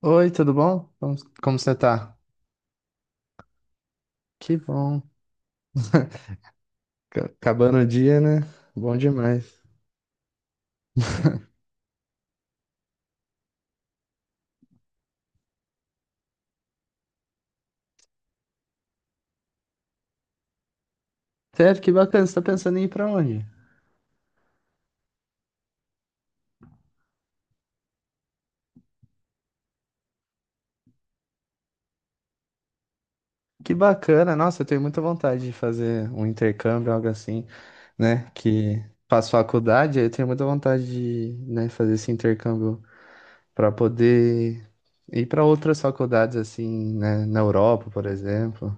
Oi, tudo bom? Como você tá? Que bom. Acabando o dia, né? Bom demais. Sério, que bacana. Você tá pensando em ir pra onde? Que bacana. Nossa, eu tenho muita vontade de fazer um intercâmbio, algo assim, né? Que faço faculdade, aí eu tenho muita vontade de, né, fazer esse intercâmbio pra poder ir pra outras faculdades, assim, né? Na Europa, por exemplo.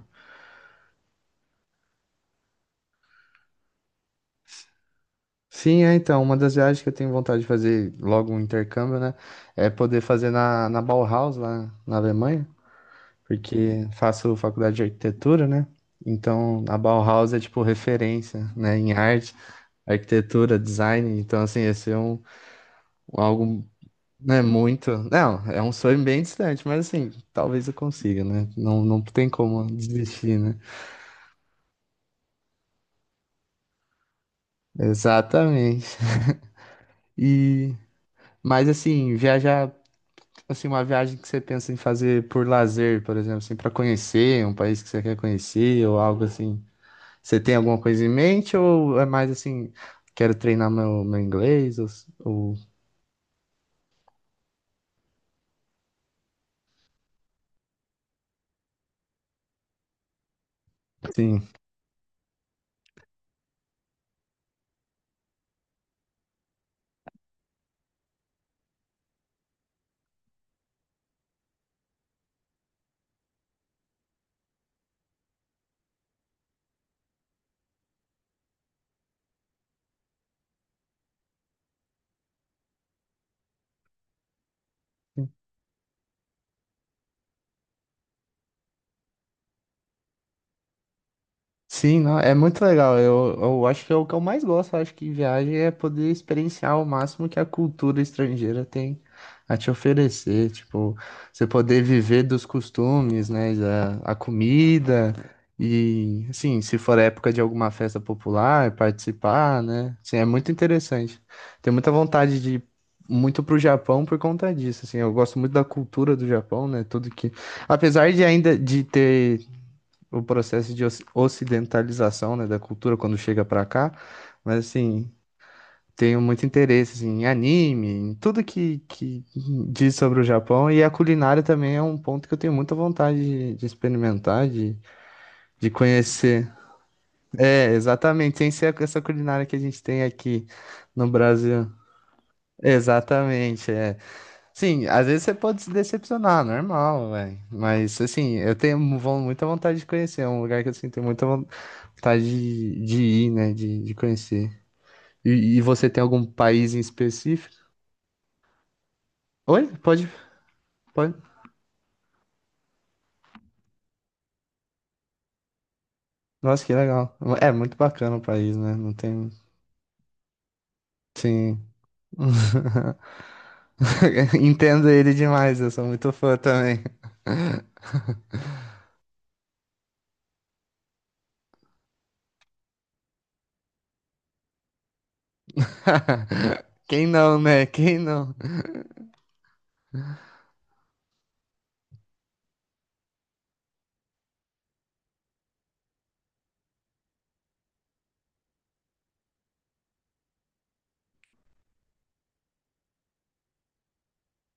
Sim, é então, uma das viagens que eu tenho vontade de fazer logo um intercâmbio, né? É poder fazer na Bauhaus, lá na Alemanha, porque faço faculdade de arquitetura, né? Então, a Bauhaus é tipo referência, né, em arte, arquitetura, design. Então, assim, esse é um algo, né, muito. Não, é um sonho bem distante, mas assim, talvez eu consiga, né? Não, não tem como desistir, né? Exatamente. E, mas assim, viajar. Assim, uma viagem que você pensa em fazer por lazer, por exemplo, assim, para conhecer um país que você quer conhecer ou algo assim. Você tem alguma coisa em mente ou é mais assim, quero treinar meu inglês ou sim? Sim, não, é muito legal. Eu acho que é o que eu mais gosto. Eu acho que em viagem é poder experienciar o máximo que a cultura estrangeira tem a te oferecer. Tipo, você poder viver dos costumes, né? da- A, comida. E, assim, se for época de alguma festa popular, participar, né? Assim, é muito interessante. Tenho muita vontade de ir muito pro Japão por conta disso. Assim, eu gosto muito da cultura do Japão, né? Tudo que. Apesar de ainda de ter o processo de ocidentalização, né, da cultura quando chega pra cá, mas assim, tenho muito interesse assim, em anime, em tudo que diz sobre o Japão e a culinária também é um ponto que eu tenho muita vontade de experimentar, de conhecer. É, exatamente, sem ser essa culinária que a gente tem aqui no Brasil. Exatamente, é. Sim, às vezes você pode se decepcionar, normal, velho. Mas assim, eu tenho muita vontade de conhecer, é um lugar que eu sinto muita vontade de ir, né? De conhecer. E você tem algum país em específico? Oi? Pode, pode. Nossa, que legal. É muito bacana o país, né? Não tem. Sim. Entendo ele demais, eu sou muito fã também. Quem não, né? Quem não?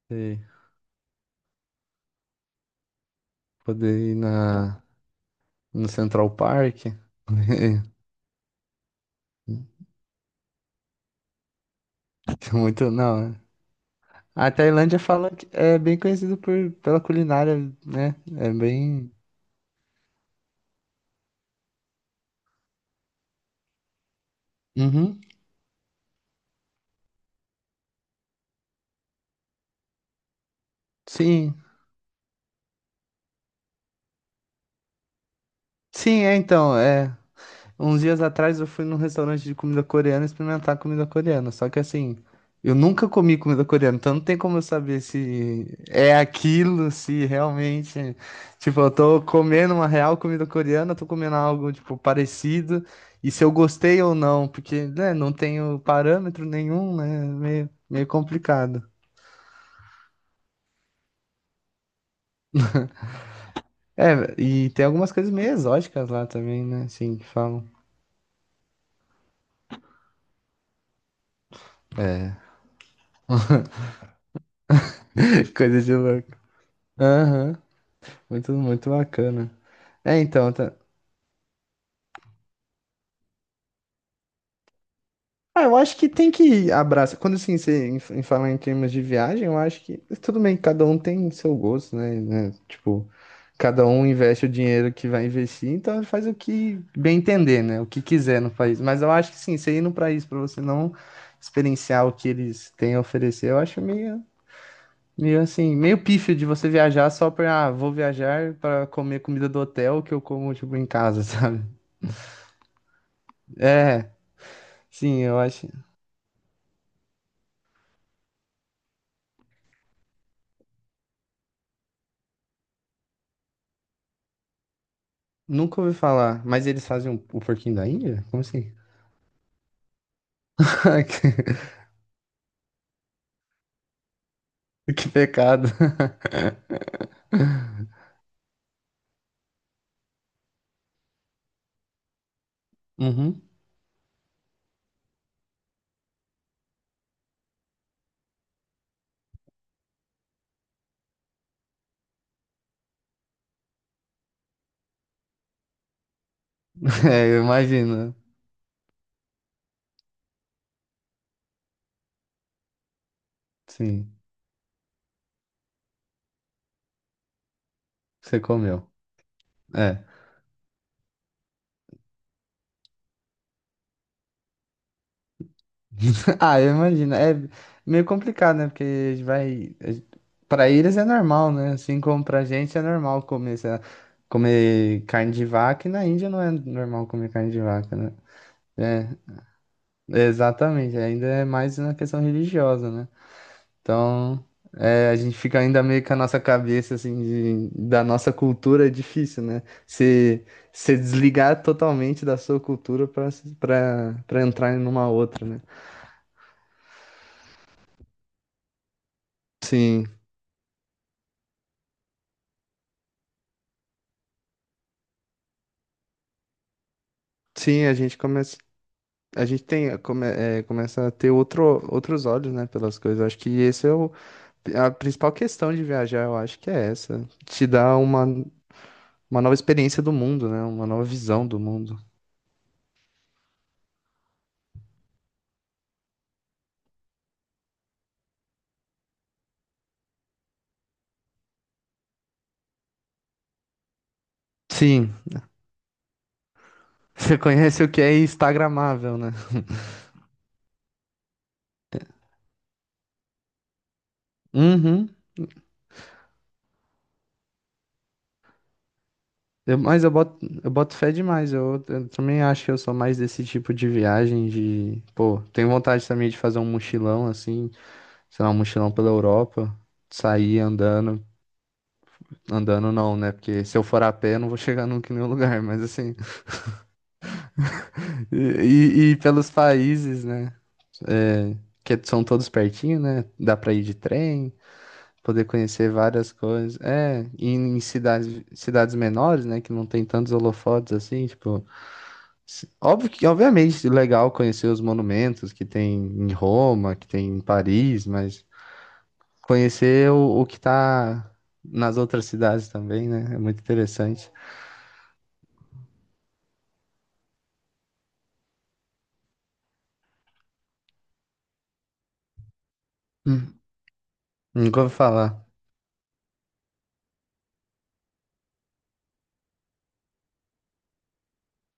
Sei. Poder ir na, no Central Park. Muito, não. né? A Tailândia fala que é bem conhecido pela culinária, né? É bem. Uhum. Sim. Sim, é então, é. Uns dias atrás eu fui num restaurante de comida coreana experimentar comida coreana. Só que assim, eu nunca comi comida coreana, então não tem como eu saber se é aquilo, se realmente. Tipo, eu tô comendo uma real comida coreana, tô comendo algo, tipo, parecido, e se eu gostei ou não, porque, né, não tenho parâmetro nenhum, né? Meio, meio complicado. É, e tem algumas coisas meio exóticas lá também, né? Assim, que falam. É. Coisa de louco. Aham. Muito, muito bacana. É, então, tá. Ah, eu acho que tem que abraçar. Quando assim, você em falar em termos de viagem, eu acho que tudo bem, cada um tem seu gosto, né? né? Tipo, cada um investe o dinheiro que vai investir, então ele faz o que bem entender, né? O que quiser no país. Mas eu acho que sim, você ir no país para você não experienciar o que eles têm a oferecer, eu acho meio, meio assim, meio pífio de você viajar só pra, ah, vou viajar para comer comida do hotel que eu como, tipo, em casa, sabe? É. Sim, eu acho. Nunca ouvi falar, mas eles fazem o porquinho da Índia? Como assim? Ai, que pecado. Uhum. É, eu imagino. Sim, você comeu. É. Ah, eu imagino. É meio complicado, né? Porque a gente vai. A gente- Pra eles é normal, né? Assim como pra gente é normal comer, sei lá, comer carne de vaca, e na Índia não é normal comer carne de vaca, né? É, exatamente. Ainda é mais na questão religiosa, né? Então, é, a gente fica ainda meio com a nossa cabeça, assim, de- da nossa cultura é difícil, né? Se desligar totalmente da sua cultura para entrar em uma outra, né? Sim, sim, a gente começa, a gente tem, come, é, começa a ter outro, outros olhos, né, pelas coisas. Acho que esse é o, a principal questão de viajar, eu acho que é essa. Te dá uma nova experiência do mundo, né? Uma nova visão do mundo. Sim, você conhece o que é instagramável, né? Uhum. Eu- mas eu boto fé demais. Eu também acho que eu sou mais desse tipo de viagem de, pô, tenho vontade também de fazer um mochilão assim, sei lá, um mochilão pela Europa, sair andando, andando não, né? Porque se eu for a pé, eu não vou chegar nunca em nenhum lugar, mas assim, e, e pelos países, né? É, que são todos pertinho, né? Dá pra ir de trem, poder conhecer várias coisas. É, e em cidades, cidades menores, né? Que não tem tantos holofotes assim, tipo. Óbvio que, obviamente, legal conhecer os monumentos que tem em Roma, que tem em Paris, mas conhecer o que tá nas outras cidades também, né? É muito interessante. Hum, nunca ouvi falar.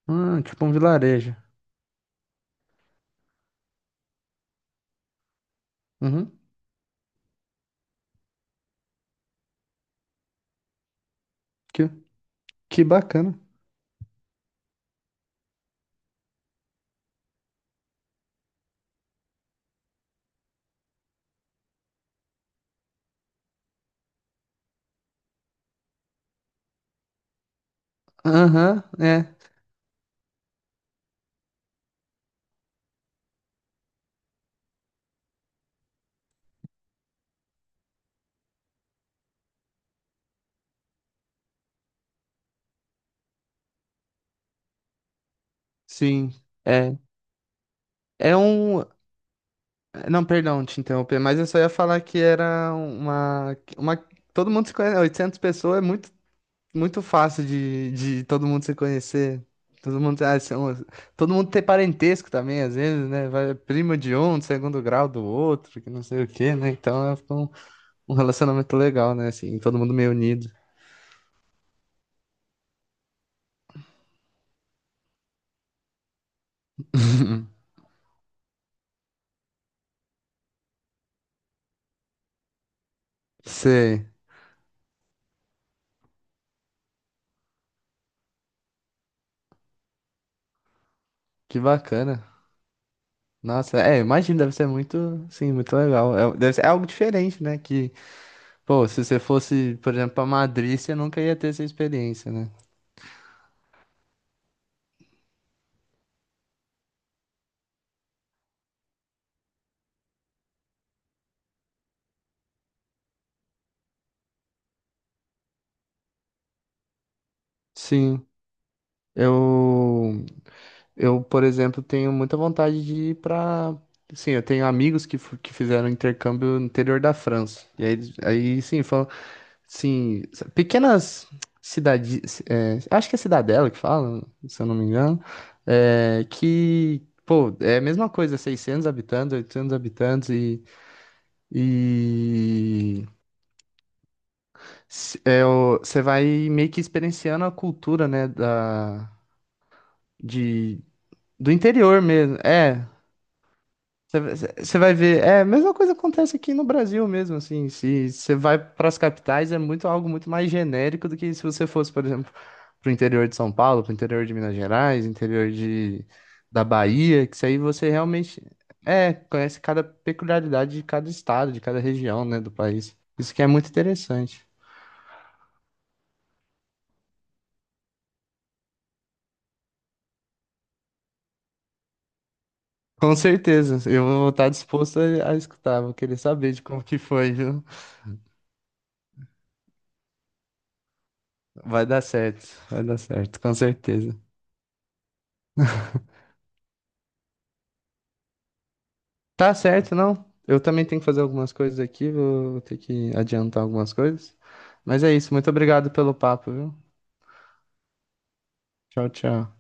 Ah, tipo um vilarejo. Uhum, que, que bacana. Aham, é. Sim. É. É um. Não, perdão te interromper, mas eu só ia falar que era uma. Uma... Todo mundo se conhece, 800 pessoas é muito muito fácil de todo mundo se conhecer. Todo mundo, ah, são- todo mundo ter parentesco também, às vezes, né? Vai, prima de um, do segundo grau do outro, que não sei o quê, né? Então é um, um relacionamento legal, né? Assim, todo mundo meio unido. Sei, que bacana. Nossa, é, imagino, deve ser muito, sim, muito legal. É, deve ser é algo diferente, né? Que, pô, se você fosse, por exemplo, pra Madrid, você nunca ia ter essa experiência, né? Sim, eu. Eu, por exemplo, tenho muita vontade de ir para. Sim, eu tenho amigos que, que fizeram intercâmbio no interior da França. E aí, eles- aí sim, falam. Sim, pequenas cidades. Acho que é cidadela que fala, se eu não me engano. É, que, pô, é a mesma coisa, 600 habitantes, 800 habitantes. E. E. é o- Você vai meio que experienciando a cultura, né? Da, de, do interior mesmo. É, você vai ver, é, a mesma coisa acontece aqui no Brasil mesmo, assim, se você vai para as capitais é muito algo muito mais genérico do que se você fosse, por exemplo, para o interior de São Paulo, para o interior de Minas Gerais, interior de, da Bahia, que isso aí você realmente, é, conhece cada peculiaridade de cada estado, de cada região, né, do país. Isso que é muito interessante. Com certeza, eu vou estar disposto a escutar, vou querer saber de como que foi, viu? Vai dar certo, com certeza. Tá certo, não. Eu também tenho que fazer algumas coisas aqui, vou ter que adiantar algumas coisas. Mas é isso, muito obrigado pelo papo, viu? Tchau, tchau.